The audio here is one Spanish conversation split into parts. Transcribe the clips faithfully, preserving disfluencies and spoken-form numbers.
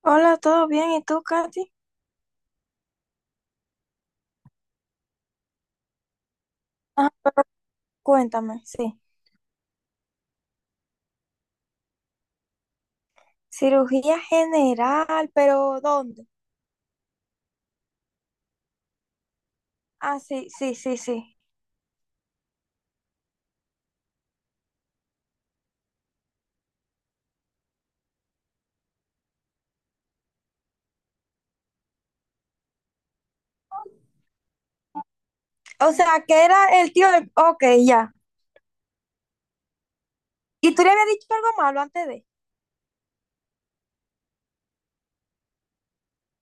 Hola, ¿todo bien? ¿Y tú, Katy? Ah, cuéntame, sí. Cirugía general, pero ¿dónde? Ah, sí, sí, sí, sí. O sea, que era el tío del... Ok, ya. ¿Y tú le habías dicho algo malo antes de?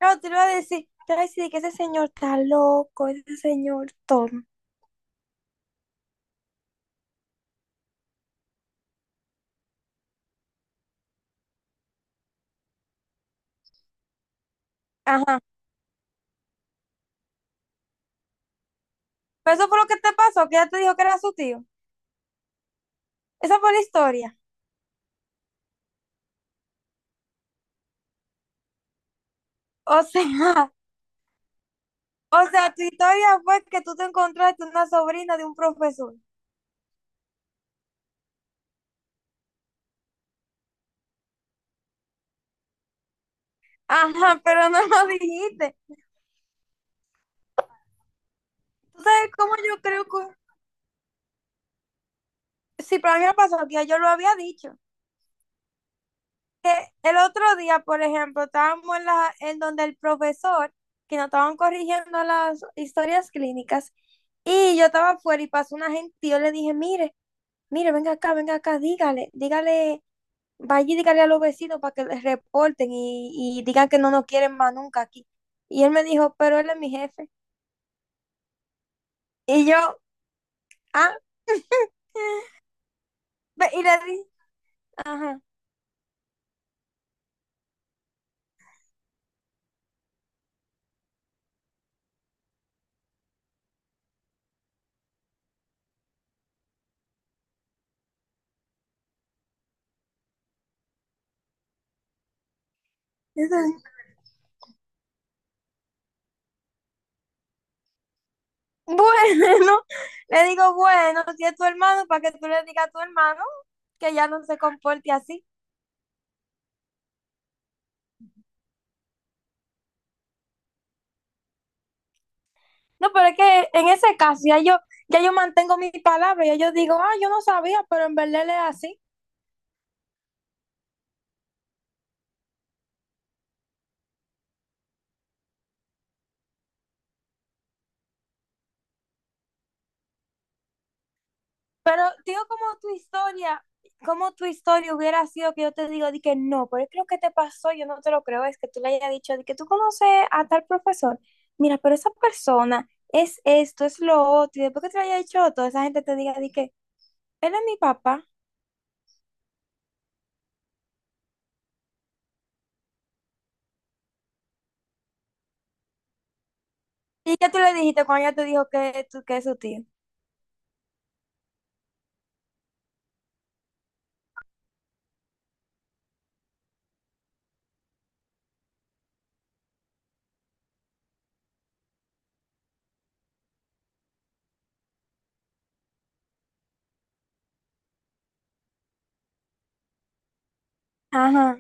No, tú le ibas a decir, te ibas a decir que ese señor está loco, ese señor tonto. Ajá. Pero eso fue lo que te pasó, que ya te dijo que era su tío. Esa fue la historia. O sea, o sea, tu historia fue que tú te encontraste una sobrina de un profesor. Ajá, pero no lo dijiste. ¿Tú sabes cómo yo creo que? Sí, pero a mí me pasó que ya yo lo había dicho. Que el otro día, por ejemplo, estábamos en, la, en donde el profesor, que nos estaban corrigiendo las historias clínicas, y yo estaba afuera y pasó una gente y yo le dije, mire, mire, venga acá, venga acá, dígale, dígale, vaya y dígale a los vecinos para que les reporten y, y digan que no nos quieren más nunca aquí. Y él me dijo, pero él es mi jefe. Y yo, ah, y le dije, ajá. Bueno, le digo, bueno, si es tu hermano, para que tú le digas a tu hermano que ya no se comporte así. No, pero es que en ese caso ya yo, ya yo mantengo mi palabra, ya yo digo, ah, yo no sabía, pero en verdad él es así. Pero digo como tu historia, como tu historia hubiera sido que yo te digo, di que no, pero es que lo que te pasó, yo no te lo creo, es que tú le hayas dicho, di que tú conoces a tal profesor, mira, pero esa persona es esto, es lo otro, y después que te lo haya dicho todo, esa gente te diga, di que él es mi papá. ¿Y qué tú le dijiste cuando ella te dijo que, tú- que es su tío? Ajá.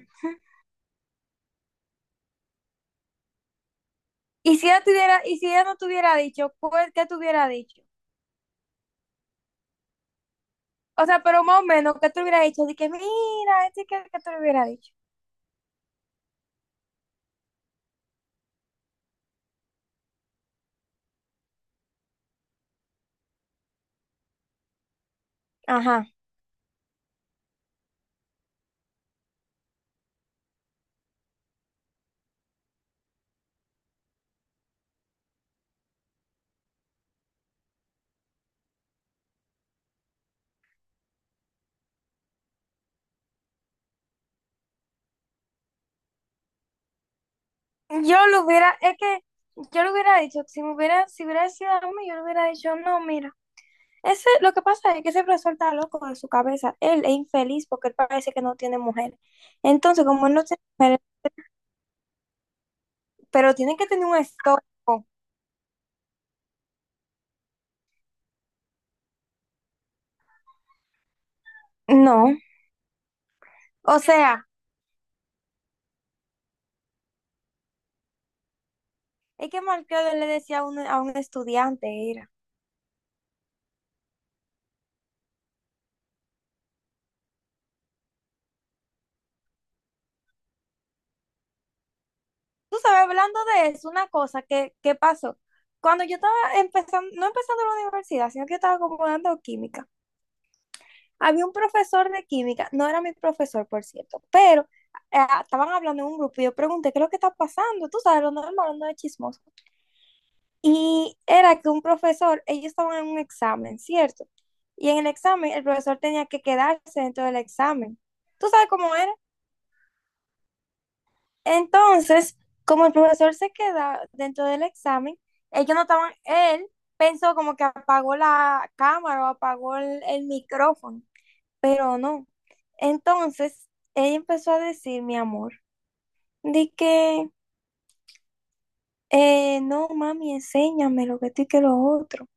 Y si ella tuviera, y si ella no te hubiera dicho, pues, ¿qué te hubiera dicho? O sea, pero más o menos, ¿qué te hubiera dicho? De que, mira, este que, que te lo hubiera dicho. Ajá. Yo lo hubiera, es que yo lo hubiera dicho, si me hubiera, si hubiera sido a mí, yo le hubiera dicho, no, mira, ese, lo que pasa es que ese profesor está loco de su cabeza, él es infeliz porque él parece que no tiene mujer. Entonces, como él no tiene mujer, pero tiene que tener un estómago, no, o sea. Es que Marquero le decía a un, a un estudiante, era. Tú sabes, hablando de eso, una cosa que, que pasó. Cuando yo estaba empezando, no empezando la universidad, sino que yo estaba como dando química, había un profesor de química, no era mi profesor, por cierto, pero eh, estaban hablando en un grupo y yo pregunté, ¿qué es lo que está pasando? Tú sabes, lo normal, no es chismoso. Y era que un profesor, ellos estaban en un examen, ¿cierto? Y en el examen, el profesor tenía que quedarse dentro del examen. Tú sabes cómo era. Entonces, como el profesor se queda dentro del examen, ellos no estaban, él pensó como que apagó la cámara o apagó el, el micrófono, pero no. Entonces, ella empezó a decir, mi amor, di que, eh, no, mami, enséñame lo que estoy que lo otro.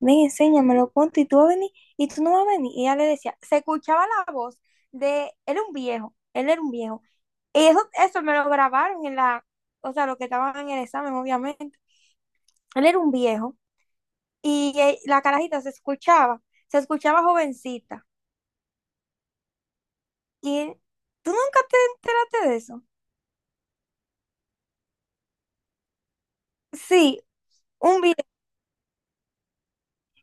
Ven, enséñamelo, ponte, y tú vas a venir, y tú no vas a venir. Y ella le decía, se escuchaba la voz de, él era un viejo, él era un viejo. Y eso, eso me lo grabaron en la, o sea, lo que estaban en el examen, obviamente. Él era un viejo, y eh, la carajita se escuchaba, se escuchaba jovencita. Y él, ¿tú nunca te enteraste de eso? Sí, un viejo.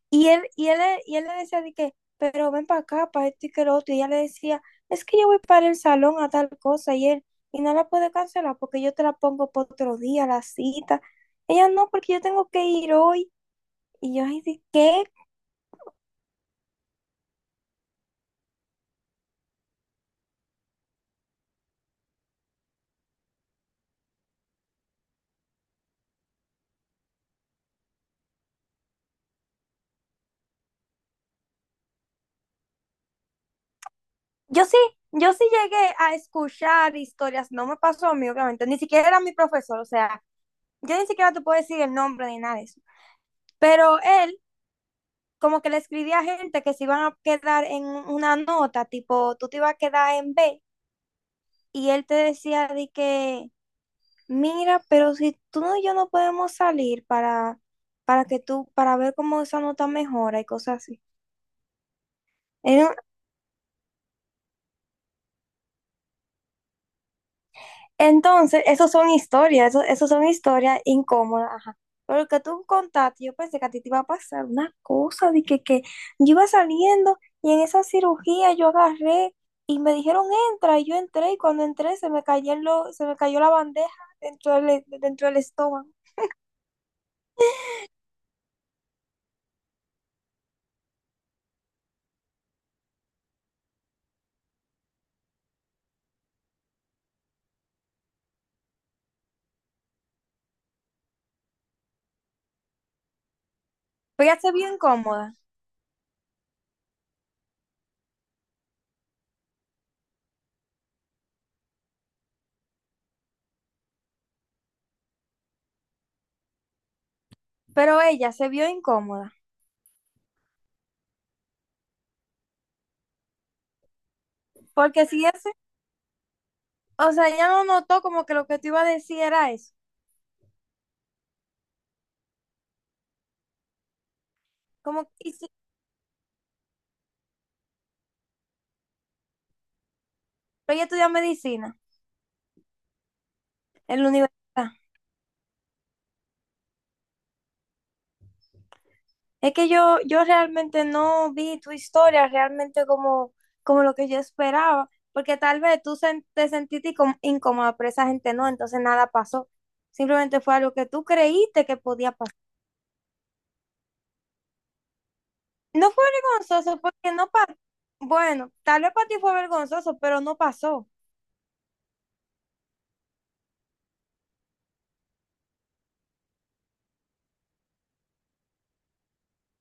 Y él, y él, le- y él le decía de que, pero ven para acá, para esto y que lo otro. Y ella le decía, es que yo voy para el salón a tal cosa. Y él, y no la puede cancelar porque yo te la pongo para otro día, la cita. Ella, no, porque yo tengo que ir hoy. Y yo, ay, ¿de qué? Yo sí, yo sí llegué a escuchar historias. No me pasó a mí, obviamente. Ni siquiera era mi profesor. O sea, yo ni siquiera te puedo decir el nombre ni nada de eso. Pero él, como que le escribía a gente que se iban a quedar en una nota, tipo, tú te ibas a quedar en B y él te decía de que, mira, pero si tú no y yo no podemos salir para, para que tú, para ver cómo esa nota mejora y cosas así. En- Entonces, esas son historias, eso, eso son historias incómodas, ajá. Pero lo que tú contaste, yo pensé que a ti te iba a pasar una cosa de que, que yo iba saliendo y en esa cirugía yo agarré y me dijeron entra y yo entré y cuando entré se me cayó, se me cayó la bandeja dentro del, dentro del estómago. Pero ya se bien cómoda. Pero ella se vio incómoda, porque si ese, o sea, ella no notó como que lo que tú ibas a decir era eso, como, y si, pero ella estudia medicina en la universidad. Es que yo, yo realmente no vi tu historia realmente como, como lo que yo esperaba, porque tal vez tú sen- te sentiste incó- incómoda, pero esa gente no, entonces nada pasó. Simplemente fue algo que tú creíste que podía pasar. No fue vergonzoso porque no pasó. Bueno, tal vez para ti fue vergonzoso, pero no pasó.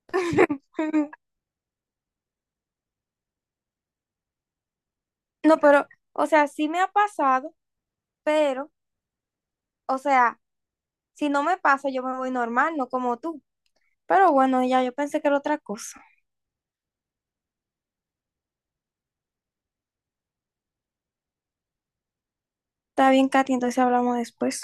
No, pero, o sea, sí me ha pasado, pero, o sea, si no me pasa, yo me voy normal, no como tú. Pero bueno, ya yo pensé que era otra cosa. Está bien, Katy, entonces hablamos después.